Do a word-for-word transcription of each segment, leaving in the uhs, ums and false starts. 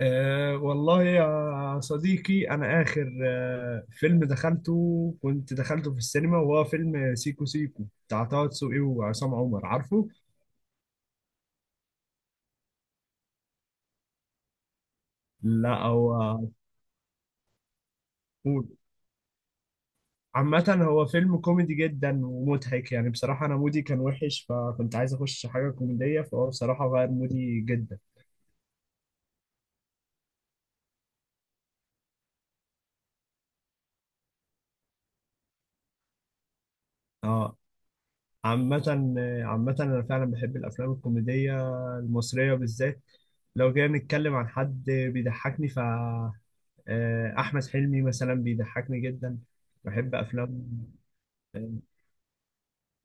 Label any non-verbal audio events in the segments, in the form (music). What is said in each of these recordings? أه والله يا صديقي، أنا آخر أه فيلم دخلته كنت دخلته في السينما، وهو فيلم سيكو سيكو بتاع طه دسوقي وعصام عمر، عارفه؟ لا. هو عامة هو فيلم كوميدي جدا ومضحك، يعني بصراحة أنا مودي كان وحش، فكنت عايز أخش حاجة كوميدية، فهو بصراحة غير مودي جدا. اه. عامة عامة أنا فعلا بحب الأفلام الكوميدية المصرية بالذات. لو جينا نتكلم عن حد بيضحكني، ف آه، أحمد حلمي مثلا بيضحكني جدا، بحب أفلامه. آه،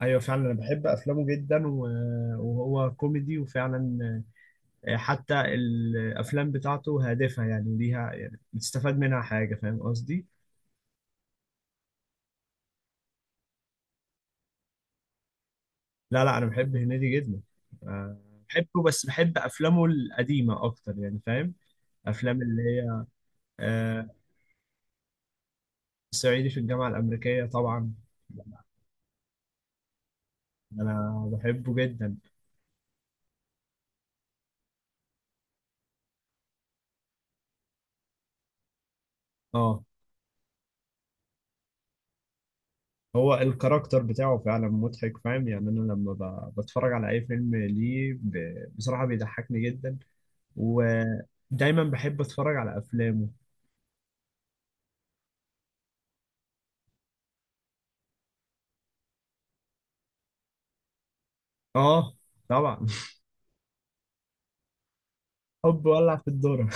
أيوة فعلا أنا بحب أفلامه جدا و- وهو كوميدي، وفعلا آه، حتى الأفلام بتاعته هادفة، يعني ليها يعني بتستفاد منها حاجة، فاهم قصدي؟ لا لا أنا بحب هنيدي جدا. آه، بحبه، بس بحب أفلامه القديمة أكتر، يعني فاهم؟ أفلام اللي هي آه، صعيدي في الجامعة الأمريكية طبعا، أنا بحبه جدا. اه، هو الكاركتر بتاعه فعلا مضحك، فاهم يعني، أنا لما ب- بتفرج على أي فيلم ليه ب- بصراحة بيضحكني جدا، ودايما بحب أتفرج على أفلامه. اه، طبعا. (laughs) حب ولع في الدورة.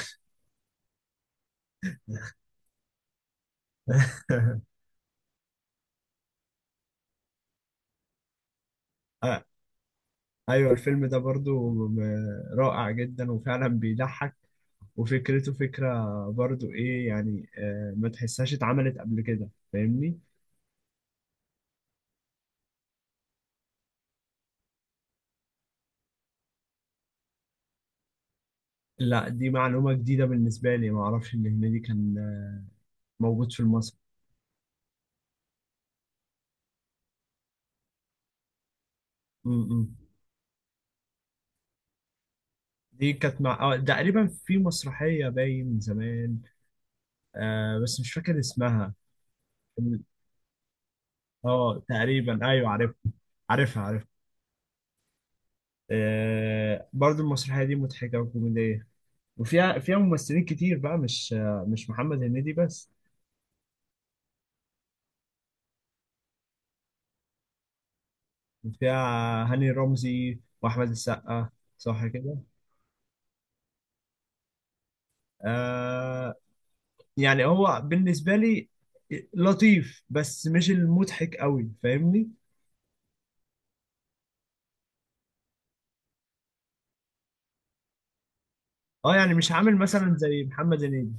(laughs) آه، ايوه الفيلم ده برضو م- رائع جدا، وفعلا بيضحك، وفكرته فكرة برضو ايه، يعني آه، ما تحسهاش اتعملت قبل كده، فاهمني؟ لا، دي معلومة جديدة بالنسبة لي، ما اعرفش ان هنيدي كان موجود في المسرح. م- م. دي كانت مع آه، تقريبا في مسرحية باين من زمان، آه، بس مش فاكر اسمها. اه تقريبا، ايوه عارف، عارفها عارفها. آه، برضو المسرحية دي مضحكة وكوميدية، وفيها فيها ممثلين كتير بقى، مش آه مش محمد هنيدي بس، فيها هاني رمزي واحمد السقا. صح كده. آه، يعني هو بالنسبة لي لطيف، بس مش المضحك قوي، فاهمني؟ اه، يعني مش عامل مثلا زي محمد هنيدي.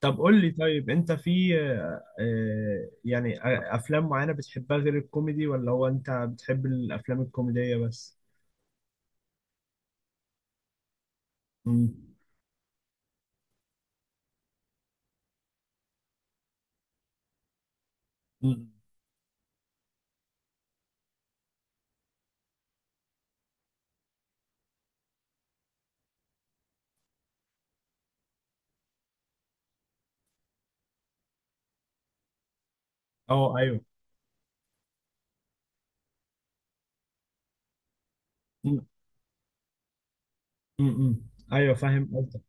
طب قول لي، طيب انت في آه، آه، يعني أ- افلام معينة بتحبها غير الكوميدي، ولا هو انت بتحب الافلام الكوميدية بس؟ مم. مم. اه ايوه. مم. مم. مم. ايوه فاهم قصدك.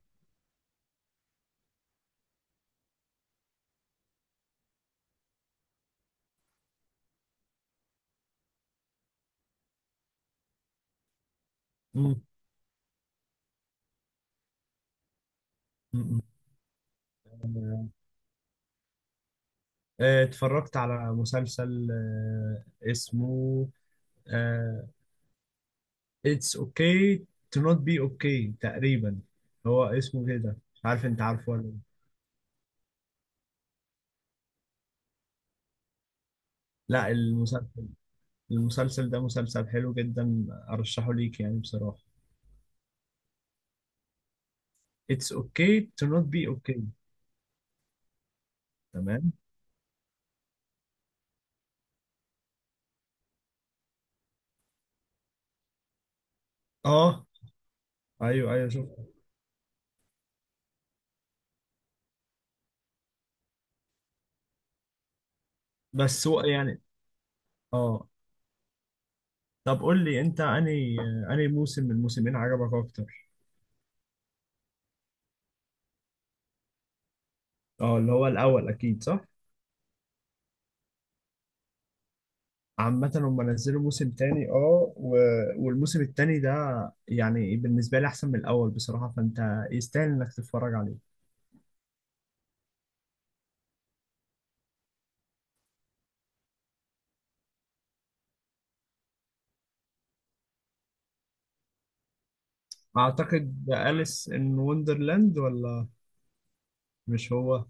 مم. مم. مم. آه، اتفرجت على مسلسل آه، اسمه آه، It's okay to not be okay تقريبا، هو اسمه كده، مش عارف انت عارفه ولا لا. لا، المسلسل، المسلسل ده مسلسل حلو جدا، ارشحه ليك يعني بصراحة. It's okay to not be okay. تمام. اه ايوه، ايوه شوف. بس هو يعني اه، طب قول لي انت انهي انهي موسم من الموسمين عجبك اكتر؟ اه، اللي هو الاول اكيد، صح؟ عامة هم نزلوا موسم تاني، اه و... والموسم التاني ده يعني بالنسبة لي أحسن من الأول بصراحة، فأنت يستاهل إنك تتفرج عليه. أعتقد ده أليس إن وندرلاند، ولا مش هو؟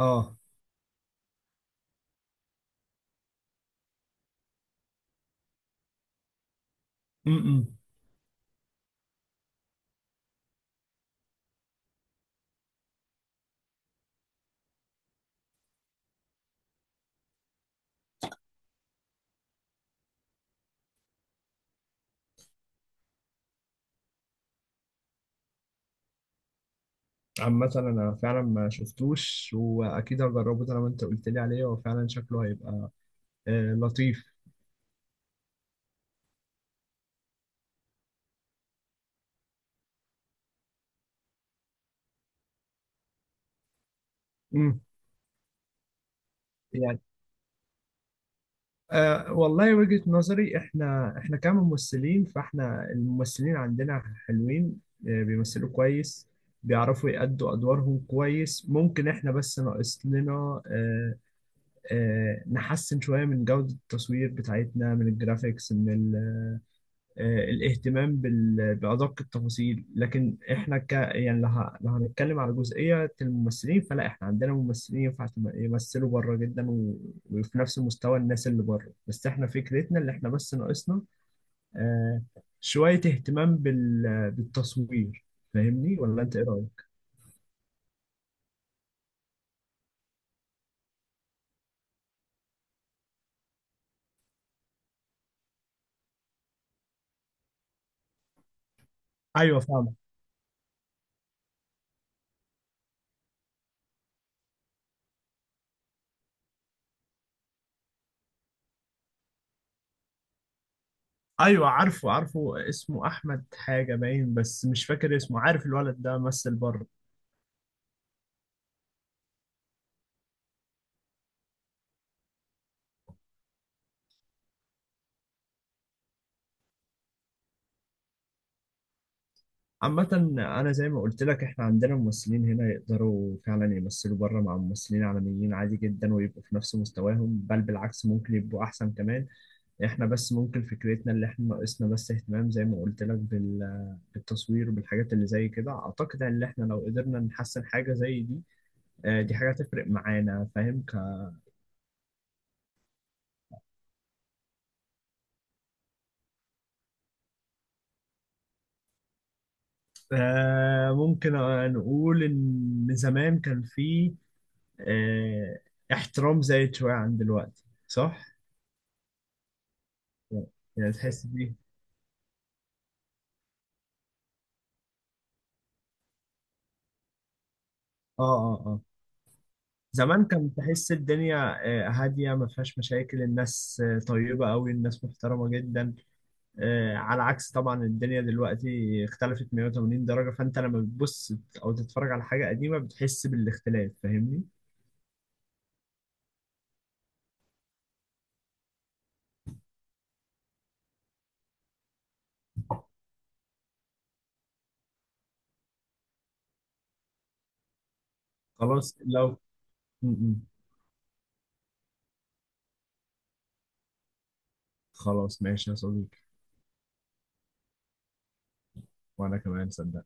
اه. م-م. عامة أنا فعلا ما شفتوش، وأكيد هجربه طالما أنت قلت لي عليه، هو فعلا شكله هيبقى آه لطيف. م. أه والله وجهة نظري، احنا احنا كممثلين، فاحنا الممثلين عندنا حلوين، آه، بيمثلوا كويس، بيعرفوا يأدوا أدوارهم كويس، ممكن احنا بس ناقص لنا أه أه نحسن شوية من جودة التصوير بتاعتنا، من الجرافيكس، من آه، الاهتمام بال- بأدق التفاصيل. لكن احنا ك يعني لو ه- لو هنتكلم على جزئية الممثلين، فلا، احنا عندنا ممثلين ينفع تم- يمثلوا بره جدا، و- وفي نفس مستوى الناس اللي بره، بس احنا فكرتنا اللي احنا بس ناقصنا آه، شوية اهتمام بال- بالتصوير، فاهمني ولا انت ايه رأيك؟ ايوه فاهم. ايوه عارفه عارفه، اسمه احمد حاجة باين، بس مش فاكر اسمه، عارف الولد ده مثل بره. عامة أنا زي ما قلت لك، إحنا عندنا ممثلين هنا يقدروا فعلا يمثلوا بره مع ممثلين عالميين عادي جدا، ويبقوا في نفس مستواهم، بل بالعكس ممكن يبقوا أحسن كمان. إحنا بس ممكن فكرتنا اللي إحنا ناقصنا بس اهتمام، زي ما قلت لك بال- بالتصوير وبالحاجات اللي زي كده، أعتقد إن إحنا لو قدرنا نحسن حاجة زي دي، آه، دي حاجة تفرق معانا، فاهم ك... آه، ممكن آه، نقول إن زمان كان في آه، احترام زايد شوية عن دلوقتي، صح؟ يعني تحس بيه. اه اه اه، زمان كان تحس الدنيا آه، هادية، ما فيهاش مشاكل، الناس آه، طيبة قوي، الناس محترمة جدا، آه، على عكس طبعا الدنيا دلوقتي، اختلفت مئة وثمانين درجة، فانت لما بتبص او تتفرج على حاجة قديمة بتحس بالاختلاف، فاهمني؟ خلاص لو م- م. خلاص ماشي يا صديقي. وانا كمان صدق.